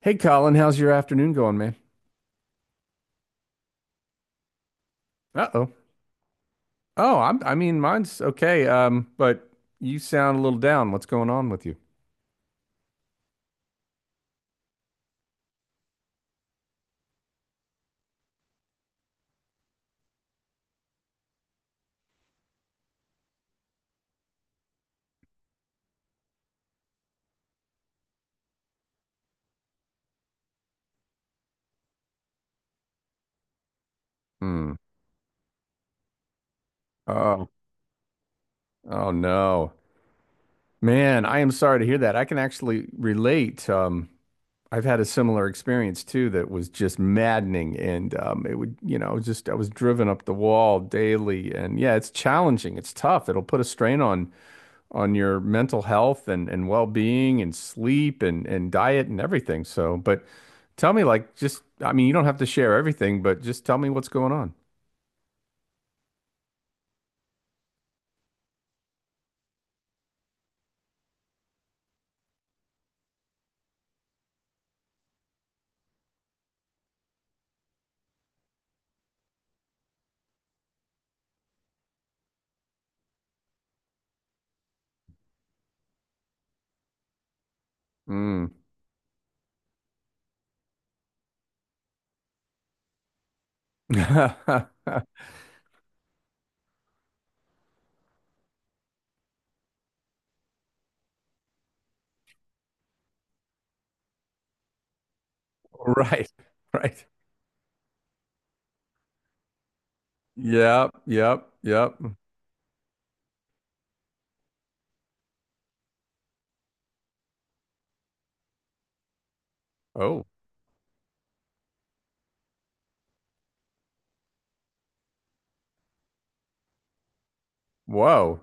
Hey Colin, how's your afternoon going, man? Uh-oh. Oh, I mean, mine's okay. But you sound a little down. What's going on with you? Hmm. Oh, oh no. Man, I am sorry to hear that. I can actually relate. I've had a similar experience too that was just maddening and it would, you know, just I was driven up the wall daily and yeah, it's challenging. It's tough. It'll put a strain on your mental health and well-being and sleep and diet and everything. So, but tell me like just I mean you don't have to share everything, but just tell me what's going on. Mm. Right. Right. Yep. Yep. Yep. Oh, whoa.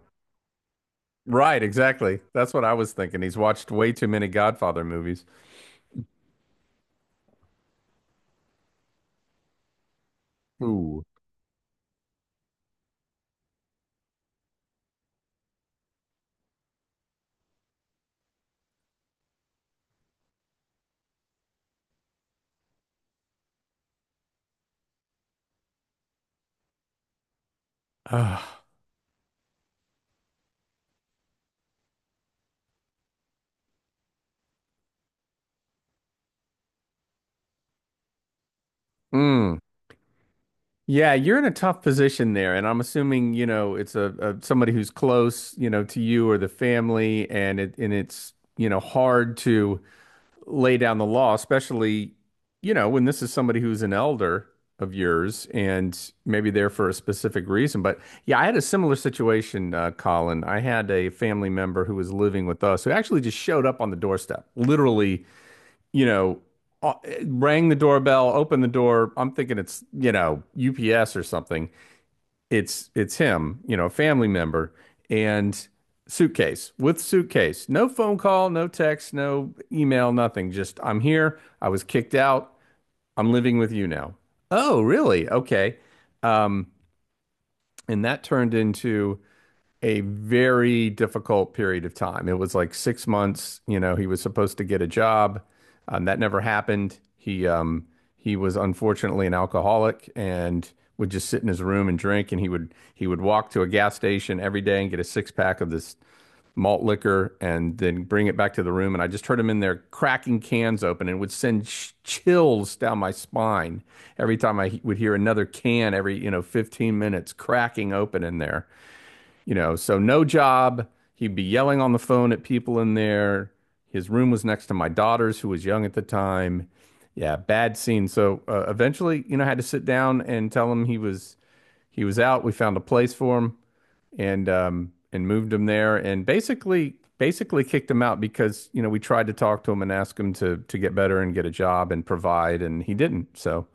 Right, exactly. That's what I was thinking. He's watched way too many Godfather movies. Ooh. Ah. Mm. Yeah, you're in a tough position there, and I'm assuming, you know, it's a somebody who's close, you know, to you or the family, and it's, you know, hard to lay down the law, especially, you know, when this is somebody who's an elder of yours and maybe there for a specific reason. But yeah, I had a similar situation, Colin. I had a family member who was living with us who actually just showed up on the doorstep, literally you know, uh, rang the doorbell, opened the door. I'm thinking it's, you know, UPS or something. It's him, you know, a family member and suitcase. No phone call, no text, no email, nothing. Just I'm here. I was kicked out. I'm living with you now. Oh, really? Okay. Um, and that turned into a very difficult period of time. It was like 6 months. You know, he was supposed to get a job. That never happened. He he was unfortunately an alcoholic and would just sit in his room and drink. And he would walk to a gas station every day and get a six pack of this malt liquor and then bring it back to the room. And I just heard him in there cracking cans open and it would chills down my spine every time I would hear another can every you know 15 minutes cracking open in there. You know, so no job. He'd be yelling on the phone at people in there. His room was next to my daughter's, who was young at the time. Yeah, bad scene. So eventually, you know, I had to sit down and tell him he was out. We found a place for him and moved him there and basically kicked him out because, you know, we tried to talk to him and ask him to get better and get a job and provide and he didn't. So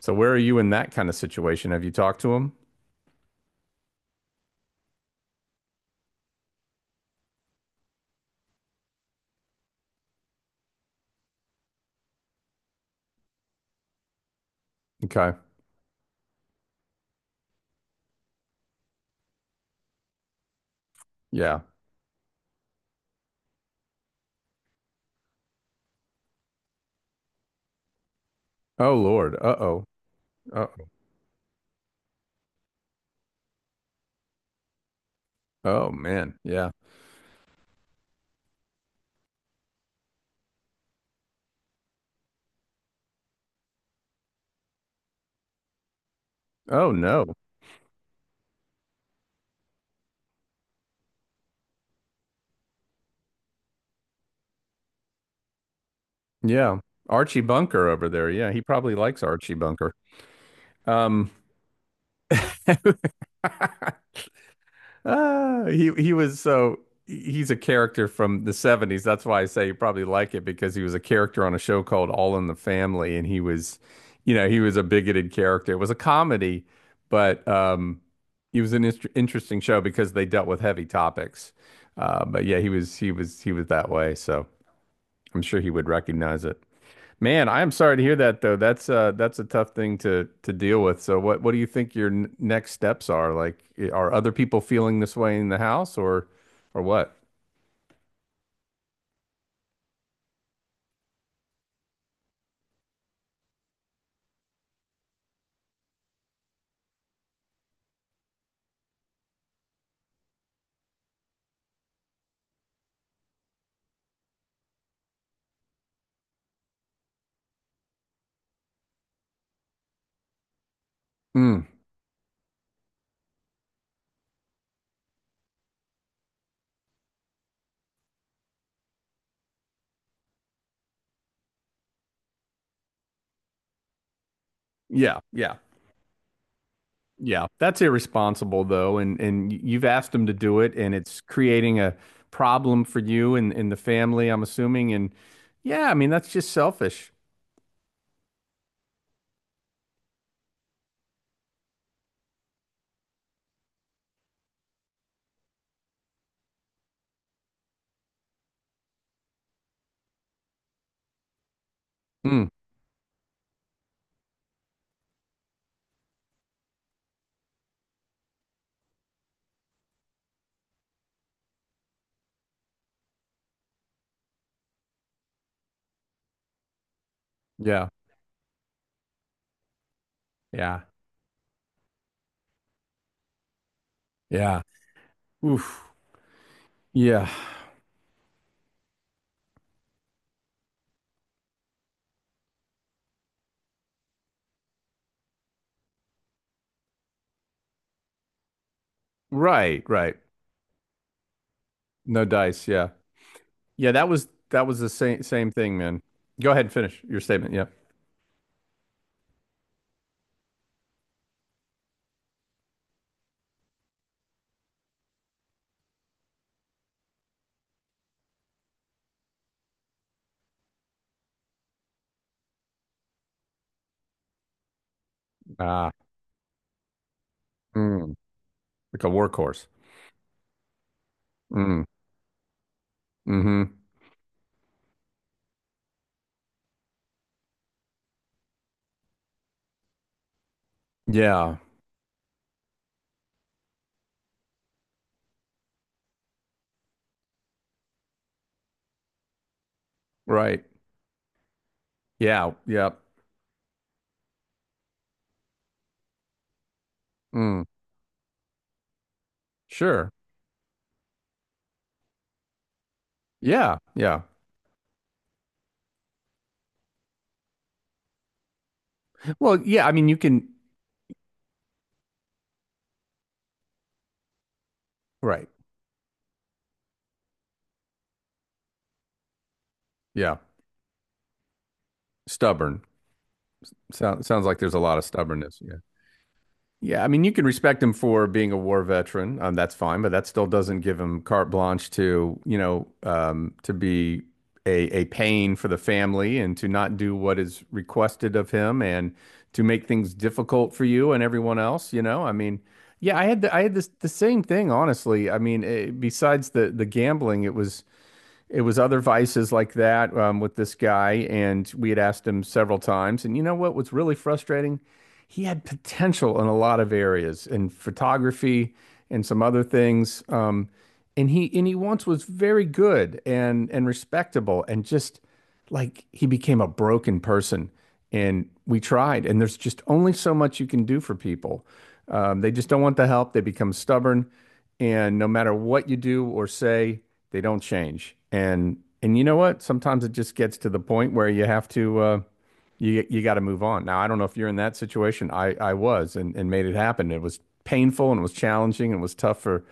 so where are you in that kind of situation? Have you talked to him? Okay. Yeah. Oh Lord. Uh-oh. Uh, Oh man, yeah. Oh no. Yeah. Archie Bunker over there. Yeah, he probably likes Archie Bunker. Um. Ah, he was so he's a character from the 70's. That's why I say you probably like it because he was a character on a show called All in the Family and he was, you know, he was a bigoted character. It was a comedy, but it was an interesting show because they dealt with heavy topics. But yeah, he was that way, so I'm sure he would recognize it. Man, I am sorry to hear that though. That's a tough thing to deal with. So what do you think your n next steps are? Are other people feeling this way in the house or what? Mm. Yeah, yeah. Yeah. That's irresponsible though and you've asked them to do it and it's creating a problem for you and the family, I'm assuming and yeah, I mean that's just selfish. Mm. Yeah. Yeah. Yeah. Oof. Yeah. Right, right. No dice, yeah. Yeah, that was the same thing, man. Go ahead and finish your statement. Yep. Ah, mm, like a workhorse. Mm, mm-hmm. Yeah. Right. Yeah. Yep. Mm, sure. Yeah. Yeah. Well, yeah. I mean, you can. Right. Yeah. Stubborn. Sounds. Sounds like there's a lot of stubbornness. Yeah. Yeah, I mean, you can respect him for being a war veteran. That's fine, but that still doesn't give him carte blanche to, you know, to be a pain for the family and to not do what is requested of him and to make things difficult for you and everyone else. You know, I mean, yeah, I had this the same thing, honestly. I mean, eh, besides the gambling, it was other vices like that with this guy, and we had asked him several times. And you know what was really frustrating? He had potential in a lot of areas, in photography and some other things. And he once was very good and respectable, and just like he became a broken person and we tried and there's just only so much you can do for people they just don't want the help they become stubborn and no matter what you do or say they don't change and you know what sometimes it just gets to the point where you have to you you got to move on. Now I don't know if you're in that situation. I was and made it happen. It was painful and it was challenging and it was tough for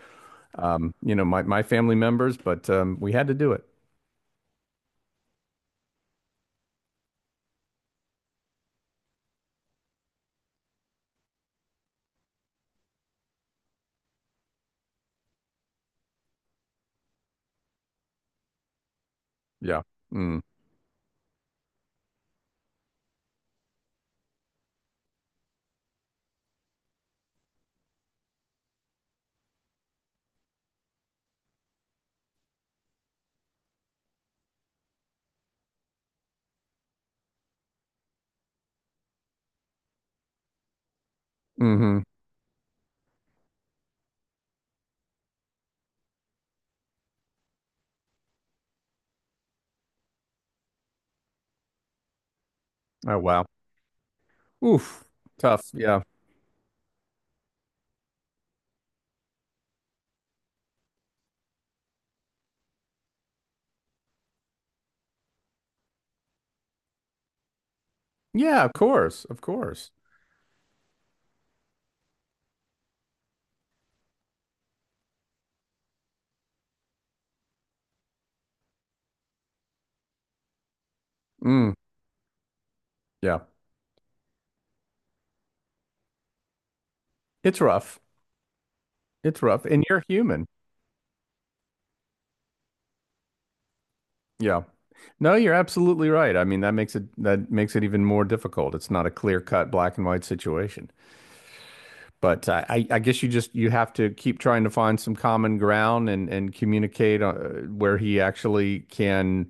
you know my my family members but we had to do it. Yeah. Mm. Hmm. Oh wow. Oof, tough. Yeah. Yeah, of course. Of course. Mm, yeah. It's rough. It's rough. And you're human. Yeah. No, you're absolutely right. I mean, that makes it even more difficult. It's not a clear-cut black and white situation. But I guess you just you have to keep trying to find some common ground and communicate where he actually can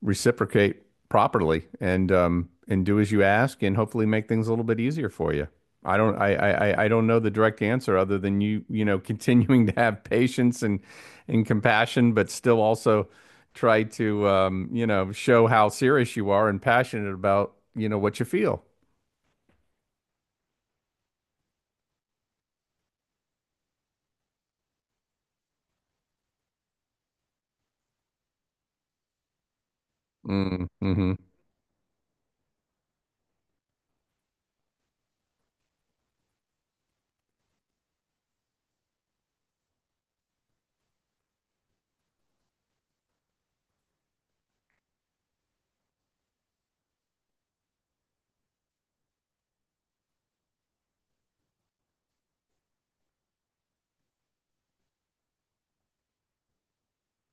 reciprocate properly and do as you ask and hopefully make things a little bit easier for you. I don't know the direct answer other than you you know continuing to have patience and compassion, but still also try to you know show how serious you are and passionate about you know what you feel. Mm, hmm.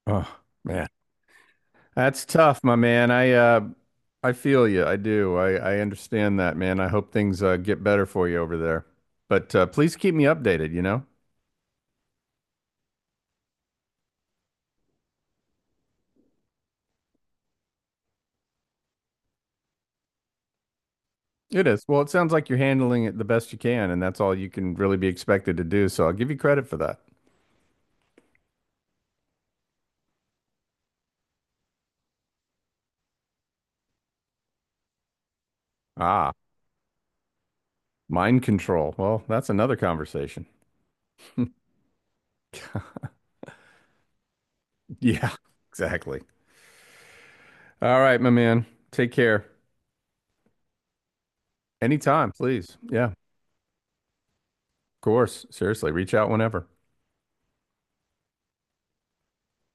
Oh man. That's tough, my man. I I feel you. I do. I understand that, man. I hope things get better for you over there. But please keep me updated, you know? It is. Well, it sounds like you're handling it the best you can, and that's all you can really be expected to do. So I'll give you credit for that. Ah, mind control. Well, that's another conversation. Yeah, exactly. All right, my man. Take care. Anytime, please. Yeah, of course. Seriously, reach out whenever.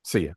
See ya.